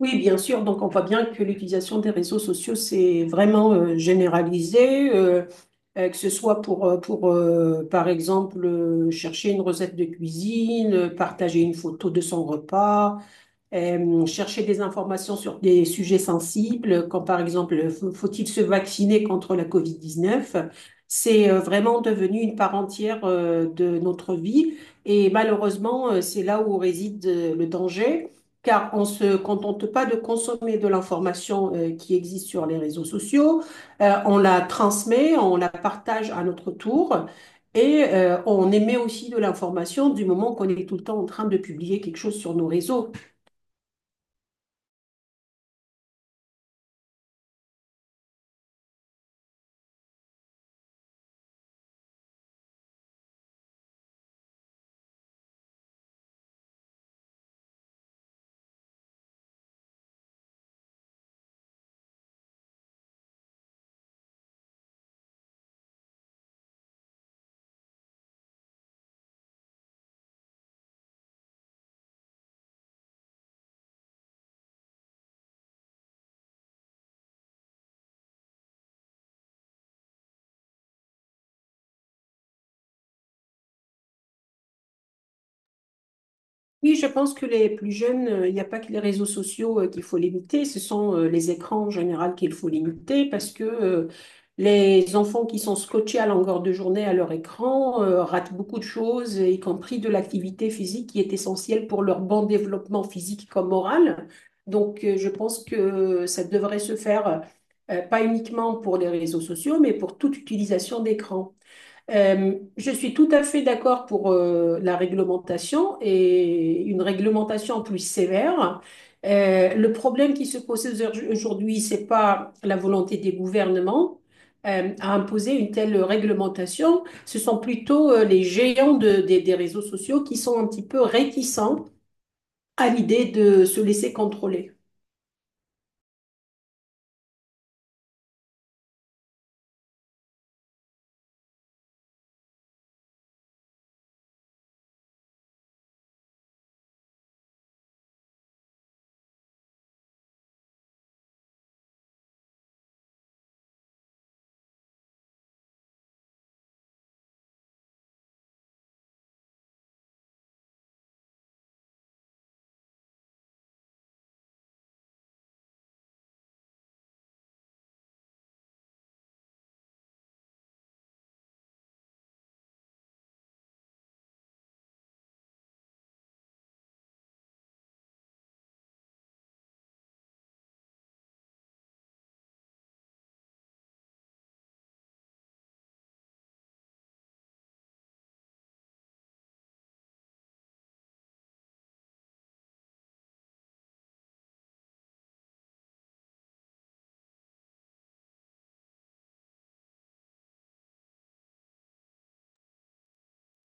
Oui, bien sûr. Donc, on voit bien que l'utilisation des réseaux sociaux, c'est vraiment généralisé, que ce soit pour par exemple, chercher une recette de cuisine, partager une photo de son repas, chercher des informations sur des sujets sensibles, comme par exemple, faut-il se vacciner contre la COVID-19? C'est vraiment devenu une part entière de notre vie et malheureusement, c'est là où réside le danger, car on se contente pas de consommer de l'information qui existe sur les réseaux sociaux. On la transmet, on la partage à notre tour. Et on émet aussi de l'information du moment qu'on est tout le temps en train de publier quelque chose sur nos réseaux. Oui, je pense que les plus jeunes, il n'y a pas que les réseaux sociaux qu'il faut limiter, ce sont les écrans en général qu'il faut limiter parce que les enfants qui sont scotchés à longueur de journée à leur écran ratent beaucoup de choses, y compris de l'activité physique qui est essentielle pour leur bon développement physique comme moral. Donc, je pense que ça devrait se faire pas uniquement pour les réseaux sociaux, mais pour toute utilisation d'écran. Je suis tout à fait d'accord pour la réglementation et une réglementation plus sévère. Le problème qui se pose aujourd'hui, c'est pas la volonté des gouvernements à imposer une telle réglementation. Ce sont plutôt les géants des réseaux sociaux qui sont un petit peu réticents à l'idée de se laisser contrôler.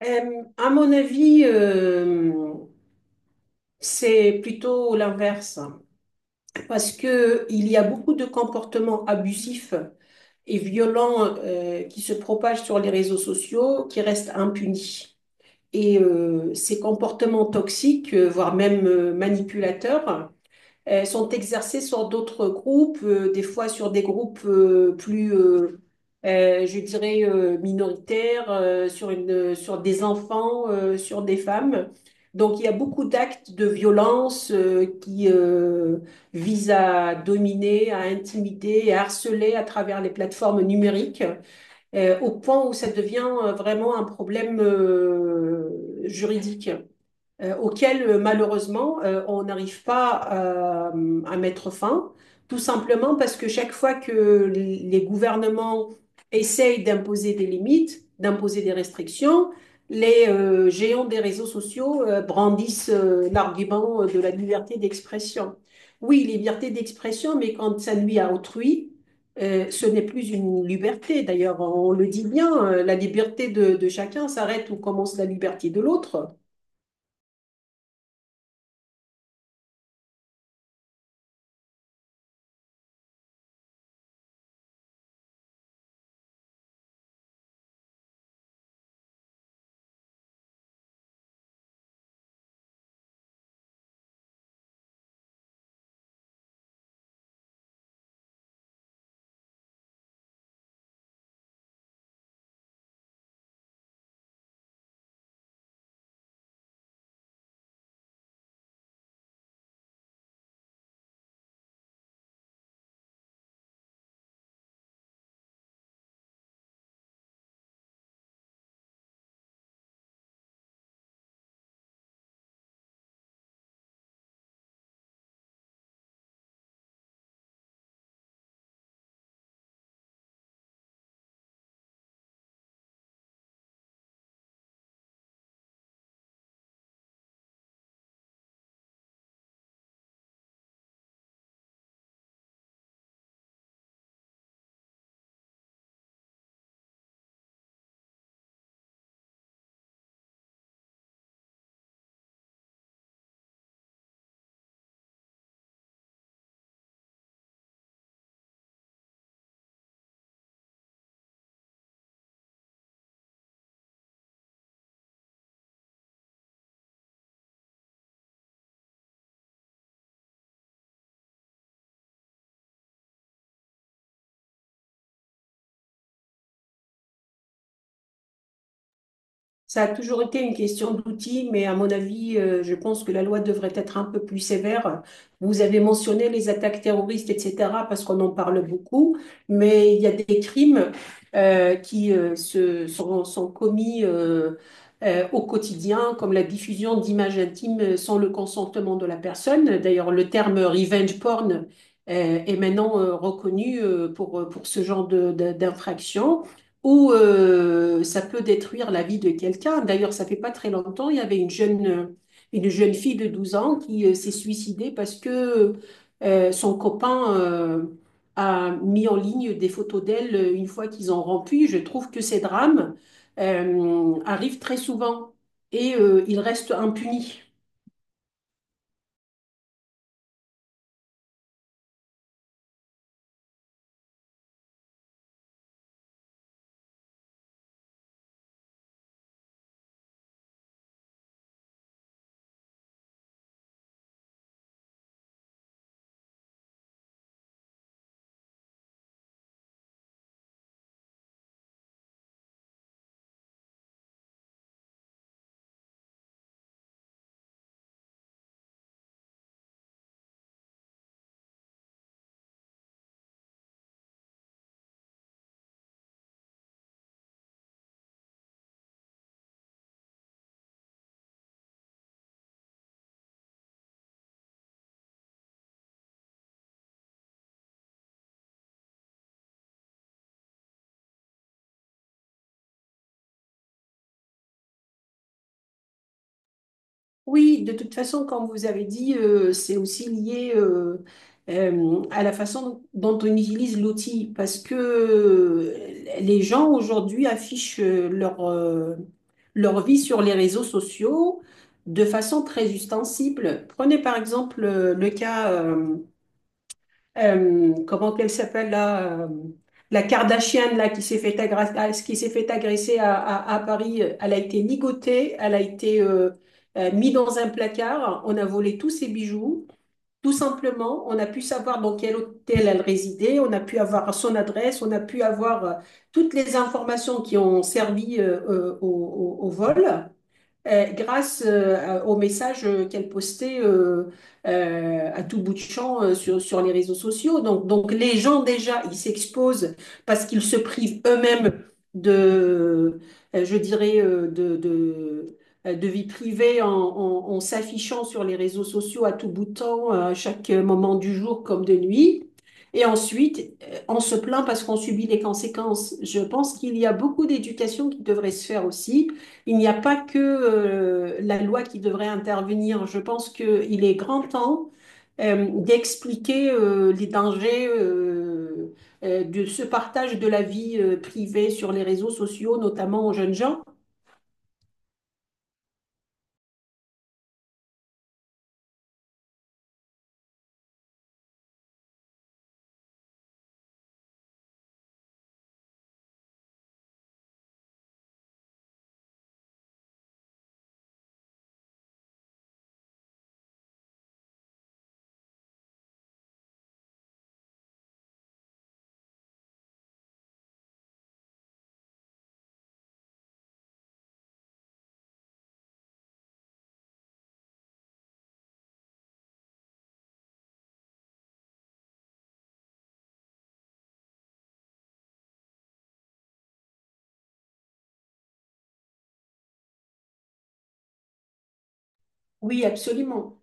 À mon avis, c'est plutôt l'inverse, parce que il y a beaucoup de comportements abusifs et violents qui se propagent sur les réseaux sociaux, qui restent impunis. Et ces comportements toxiques, voire même manipulateurs, sont exercés sur d'autres groupes, des fois sur des groupes plus, je dirais, minoritaires, sur des enfants, sur des femmes. Donc il y a beaucoup d'actes de violence qui visent à dominer, à intimider, à harceler à travers les plateformes numériques au point où ça devient vraiment un problème juridique auxquelles malheureusement on n'arrive pas à mettre fin, tout simplement parce que chaque fois que les gouvernements essayent d'imposer des limites, d'imposer des restrictions, les géants des réseaux sociaux brandissent l'argument de la liberté d'expression. Oui, liberté d'expression, mais quand ça nuit à autrui, ce n'est plus une liberté. D'ailleurs, on le dit bien, la liberté de chacun s'arrête où commence la liberté de l'autre. Ça a toujours été une question d'outils, mais à mon avis, je pense que la loi devrait être un peu plus sévère. Vous avez mentionné les attaques terroristes, etc., parce qu'on en parle beaucoup, mais il y a des crimes qui sont commis au quotidien, comme la diffusion d'images intimes sans le consentement de la personne. D'ailleurs, le terme revenge porn est maintenant reconnu pour, ce genre d'infraction ou ça peut détruire la vie de quelqu'un. D'ailleurs, ça fait pas très longtemps, il y avait une jeune fille de 12 ans qui s'est suicidée parce que son copain a mis en ligne des photos d'elle une fois qu'ils ont rompu. Je trouve que ces drames arrivent très souvent et ils restent impunis. Oui, de toute façon, comme vous avez dit, c'est aussi lié à la façon dont on utilise l'outil, parce que les gens aujourd'hui affichent leur vie sur les réseaux sociaux de façon très ostensible. Prenez par exemple le cas comment qu'elle s'appelle là, la Kardashian là qui s'est fait agresser, ah, qui s'est fait agresser à, à Paris, elle a été nigotée, elle a été mise dans un placard, on a volé tous ses bijoux. Tout simplement, on a pu savoir dans quel hôtel elle résidait, on a pu avoir son adresse, on a pu avoir toutes les informations qui ont servi au vol grâce aux messages qu'elle postait à tout bout de champ sur, les réseaux sociaux. Donc, les gens déjà, ils s'exposent parce qu'ils se privent eux-mêmes de, je dirais, de vie privée en, en s'affichant sur les réseaux sociaux à tout bout de temps, à chaque moment du jour comme de nuit. Et ensuite, on se plaint parce qu'on subit les conséquences. Je pense qu'il y a beaucoup d'éducation qui devrait se faire aussi. Il n'y a pas que la loi qui devrait intervenir. Je pense qu'il est grand temps d'expliquer les dangers de ce partage de la vie privée sur les réseaux sociaux, notamment aux jeunes gens. Oui, absolument.